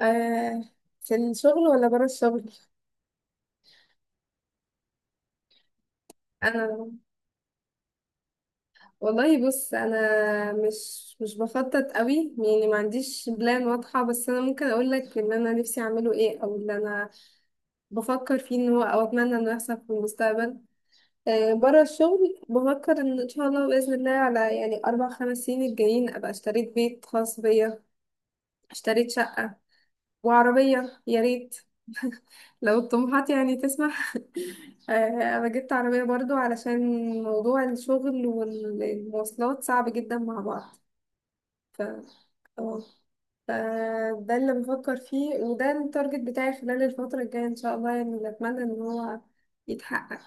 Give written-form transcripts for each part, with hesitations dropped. آه، في الشغل ولا بره الشغل؟ انا والله بص انا مش بخطط قوي، يعني ما عنديش بلان واضحه. بس انا ممكن اقول لك ان انا نفسي اعمله ايه او اللي انا بفكر فيه ان هو، او اتمنى انه يحصل في المستقبل. آه، بره الشغل بفكر ان ان شاء الله باذن الله على يعني 4 5 سنين الجايين ابقى اشتريت بيت خاص بيا، اشتريت شقه وعربيه، يا ريت لو الطموحات يعني تسمح. آه، انا جبت عربية برضو علشان موضوع الشغل والمواصلات صعب جدا مع بعض. ف آه، ف- ده اللي بفكر فيه وده التارجت بتاعي خلال الفترة الجاية ان شاء الله، يعني اللي اتمنى ان هو يتحقق.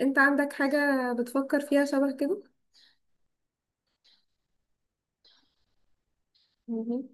انت عندك حاجة بتفكر فيها شبه كده؟ مهم.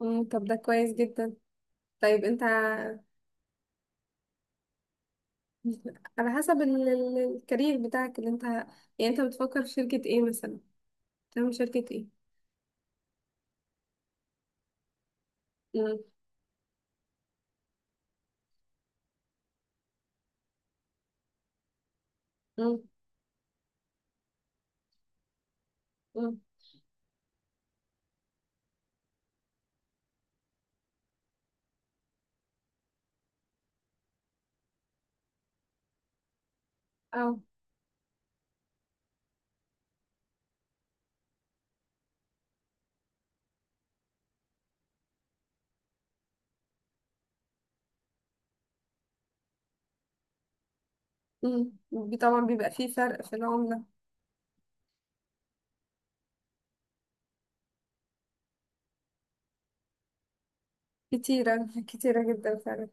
مم، طب ده كويس جدا. طيب انت على حسب الكارير بتاعك اللي انت يعني، انت بتفكر في شركة ايه مثلا؟ تعمل شركة ايه؟ مم. مم. أو. مم. طبعا بيبقى فيه فرق في العملة. كتيرة كتيرة جدا فعلا.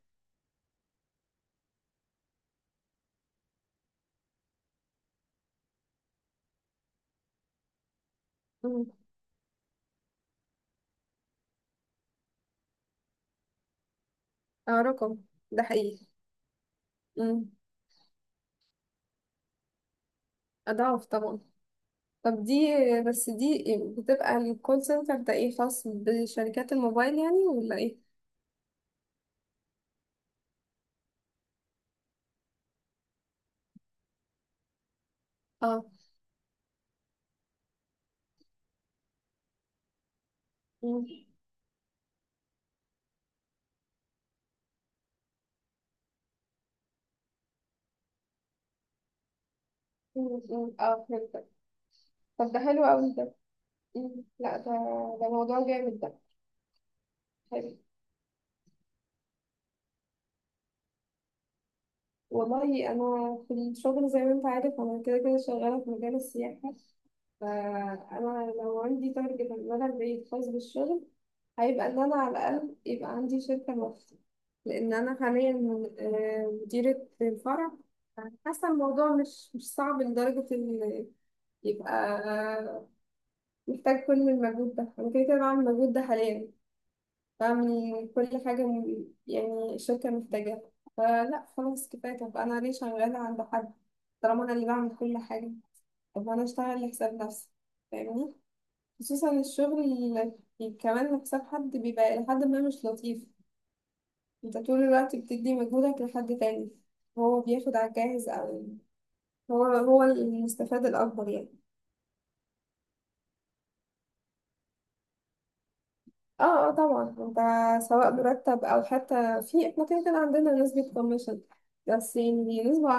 مم. اه رقم. ده حقيقي. مم. أضعاف طبعا. طب دي، بس دي بتبقى الكول سنتر ده ايه، خاص بشركات الموبايل يعني ولا ايه؟ اه. مم. مم. مم. اه فهمتك. طب ده حلو أوي ده. مم. لا ده ده موضوع جامد ده. حلو. والله أنا في الشغل زي ما أنت عارف أنا كده كده شغالة في مجال السياحة. فأنا لو عندي تارجت على المدى البعيد خاص بالشغل هيبقى إن أنا على الأقل يبقى عندي شركة لوحدي. لأن أنا حاليا مديرة الفرع. حاسة الموضوع مش صعب لدرجة إن يبقى محتاج كل المجهود ده، أنا كده كده بعمل المجهود ده حاليا. بعمل كل حاجة يعني الشركة محتاجاها. فلا خلاص كفاية، طب أنا ليه شغالة عند حد طالما أنا اللي بعمل كل حاجة؟ طب أنا أشتغل لحساب نفسي، فاهمني. خصوصا الشغل اللي كمان لحساب حد بيبقى لحد ما مش لطيف. أنت طول الوقت بتدي مجهودك لحد تاني، هو بياخد على الجاهز، أو هو هو المستفاد الأكبر يعني. اه اه طبعا انت، سواء مرتب او حتى في، احنا كده كده عندنا نسبة كوميشن، بس يعني نسبة،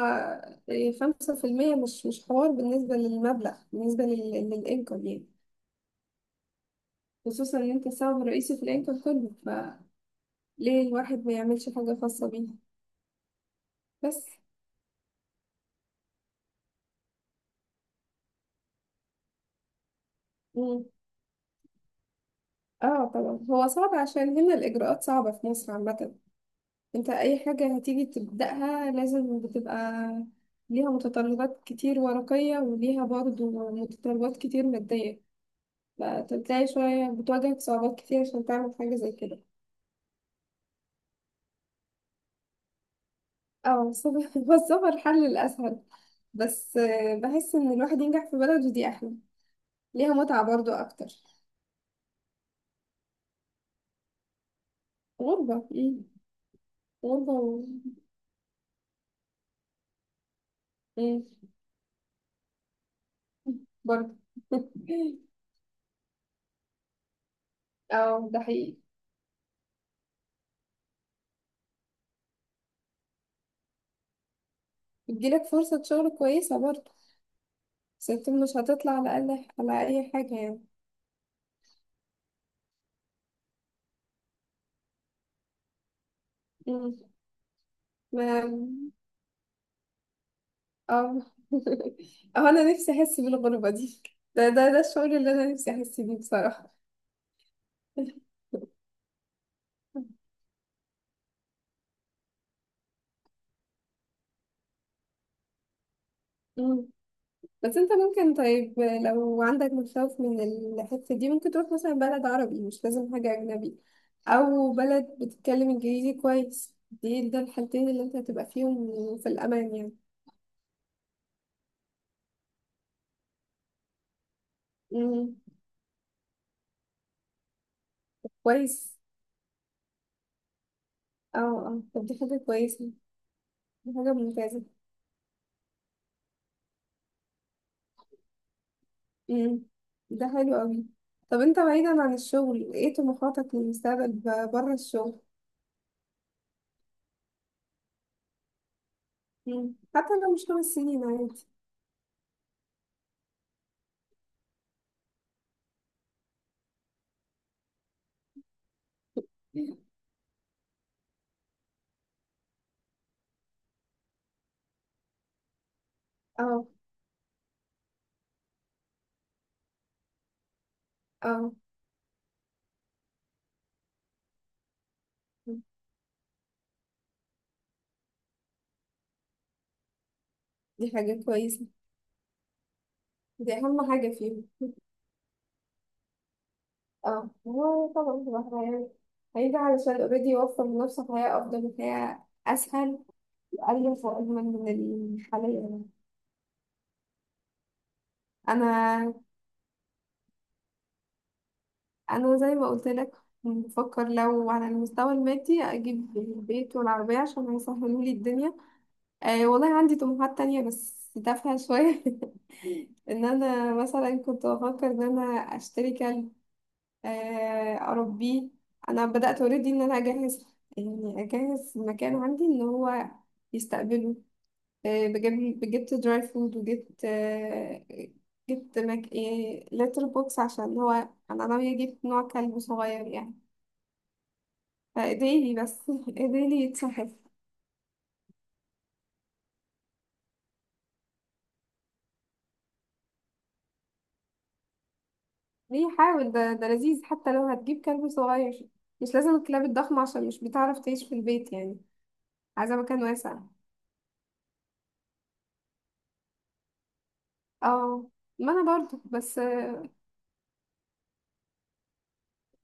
يعني 5% مش حوار بالنسبة للمبلغ، بالنسبة للإنكم يعني. خصوصا إن أنت السبب الرئيسي في الإنكم كله، فليه الواحد ما يعملش حاجة خاصة بيه؟ بس. مم. اه طبعا هو صعب عشان هنا الإجراءات صعبة في مصر عامة. انت اي حاجة هتيجي تبدأها لازم بتبقى ليها متطلبات كتير ورقية، وليها برضو متطلبات كتير مادية. فتلاقي شوية بتواجهك صعوبات كتير عشان تعمل حاجة زي كده. اه الصبر هو الصبر حل الأسهل. بس بحس إن الواحد ينجح في بلده دي أحلى. ليها متعة برضو أكتر. غربة. مم. غربة و... مم. برضو. اه ده حقيقي. بتجيلك فرصة شغل كويسة برضو. بس انت مش هتطلع على الأقل على أي حاجة يعني. مم. ما- اه. اه انا نفسي احس بالغربة دي. ده الشعور اللي انا نفسي احس بيه بصراحة. مم. بس انت ممكن، طيب لو عندك مخاوف من الحتة دي ممكن تروح مثلا بلد عربي، مش لازم حاجة أجنبي. أو بلد بتتكلم إنجليزي كويس، دي ده الحالتين اللي انت هتبقى فيهم في الأمان يعني. مم. كويس. اه اه طب دي حاجة كويسة. دي حاجة ممتازة. امم. ده حلو قوي. طب انت بعيدا عن الشغل ايه طموحاتك للمستقبل بره الشغل؟ مم. حتى لو مش 5 سنين عادي. اه اه دي حاجة كويسة. دي أهم حاجة فيهم. اه هو طبعا بصراحة يعني هيجي علشان اوريدي يوفر لنفسه حياة أفضل وحياة أسهل، وأقل، وأجمل من الحالية يعني. أنا، أنا زي ما قلت لك بفكر لو على المستوى المادي أجيب البيت والعربية عشان هيسهلوا لي الدنيا. آه والله عندي طموحات تانية بس تافهة شوية ان انا مثلا كنت بفكر ان انا اشتري كلب. آه، اربيه. انا بدأت اوريدي ان انا اجهز، يعني اجهز مكان عندي ان هو يستقبله. آه بجيب جبت دراي فود، وجبت آه جبت مك... آه لتر بوكس عشان هو. انا ناوية اجيب نوع كلب صغير يعني فايديلي بس ايديلي يتسحب. ليه؟ حاول، ده ده لذيذ حتى لو هتجيب كلب صغير. مش لازم الكلاب الضخمة عشان مش بتعرف تعيش في البيت يعني. عايزة مكان واسع. اه، ما انا برضو بس.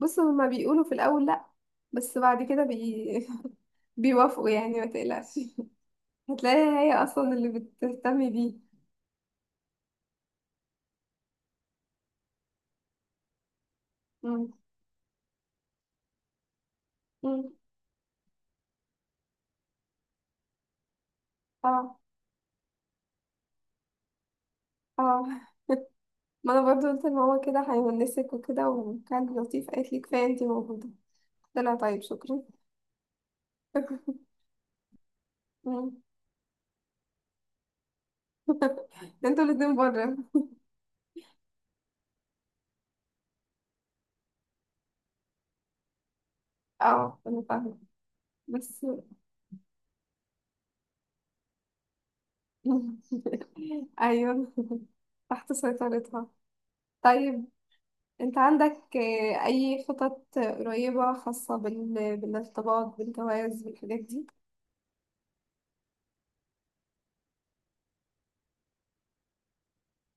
بص هما بيقولوا في الاول لا، بس بعد كده بيوافقوا يعني ما تقلقش. هتلاقي هي اصلا اللي بتهتم بيه. مم. مم. اه اه، ما انا برضو قلت لماما كده هيونسك وكده، وكان لطيف قالت لي كفايه انتي موجوده. قلت لها طيب شكرا. مم. انتوا الاتنين بره. اه انا فاهمة. بس أيوه. تحت سيطرتها. طيب أنت عندك أي خطط قريبة خاصة بال... بالارتباط بالجواز بالحاجات دي؟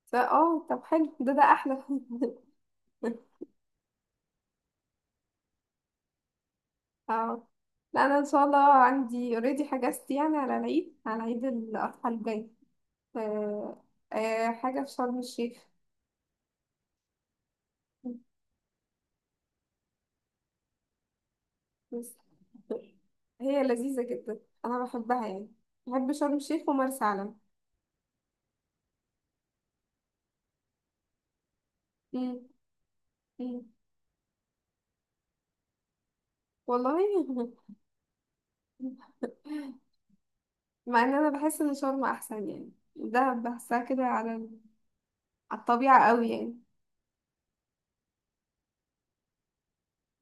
اه طب حلو ده ده أحلى اه لا، أنا إن شاء الله عندي اوريدي حجزت يعني على العيد، على عيد الأضحى الجاي. آه، حاجة في شرم الشيخ. بس هي لذيذة جدا، أنا بحبها يعني، بحب شرم الشيخ ومرسى علم. مم. مم. والله مع ان انا بحس ان شرم احسن يعني، ده بحسها كده على على الطبيعة قوي يعني.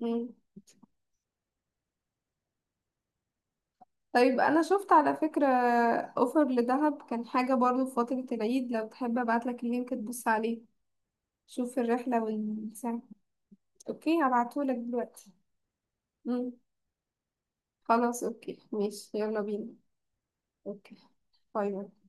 مم. طيب انا شفت على فكرة اوفر لدهب كان حاجة برضو في فترة العيد، لو تحب ابعتلك اللينك تبص عليه. شوف الرحلة والساعة. اوكي هبعتهولك دلوقتي. مم. خلاص اوكي ماشي يلا بينا. اوكي. باي باي.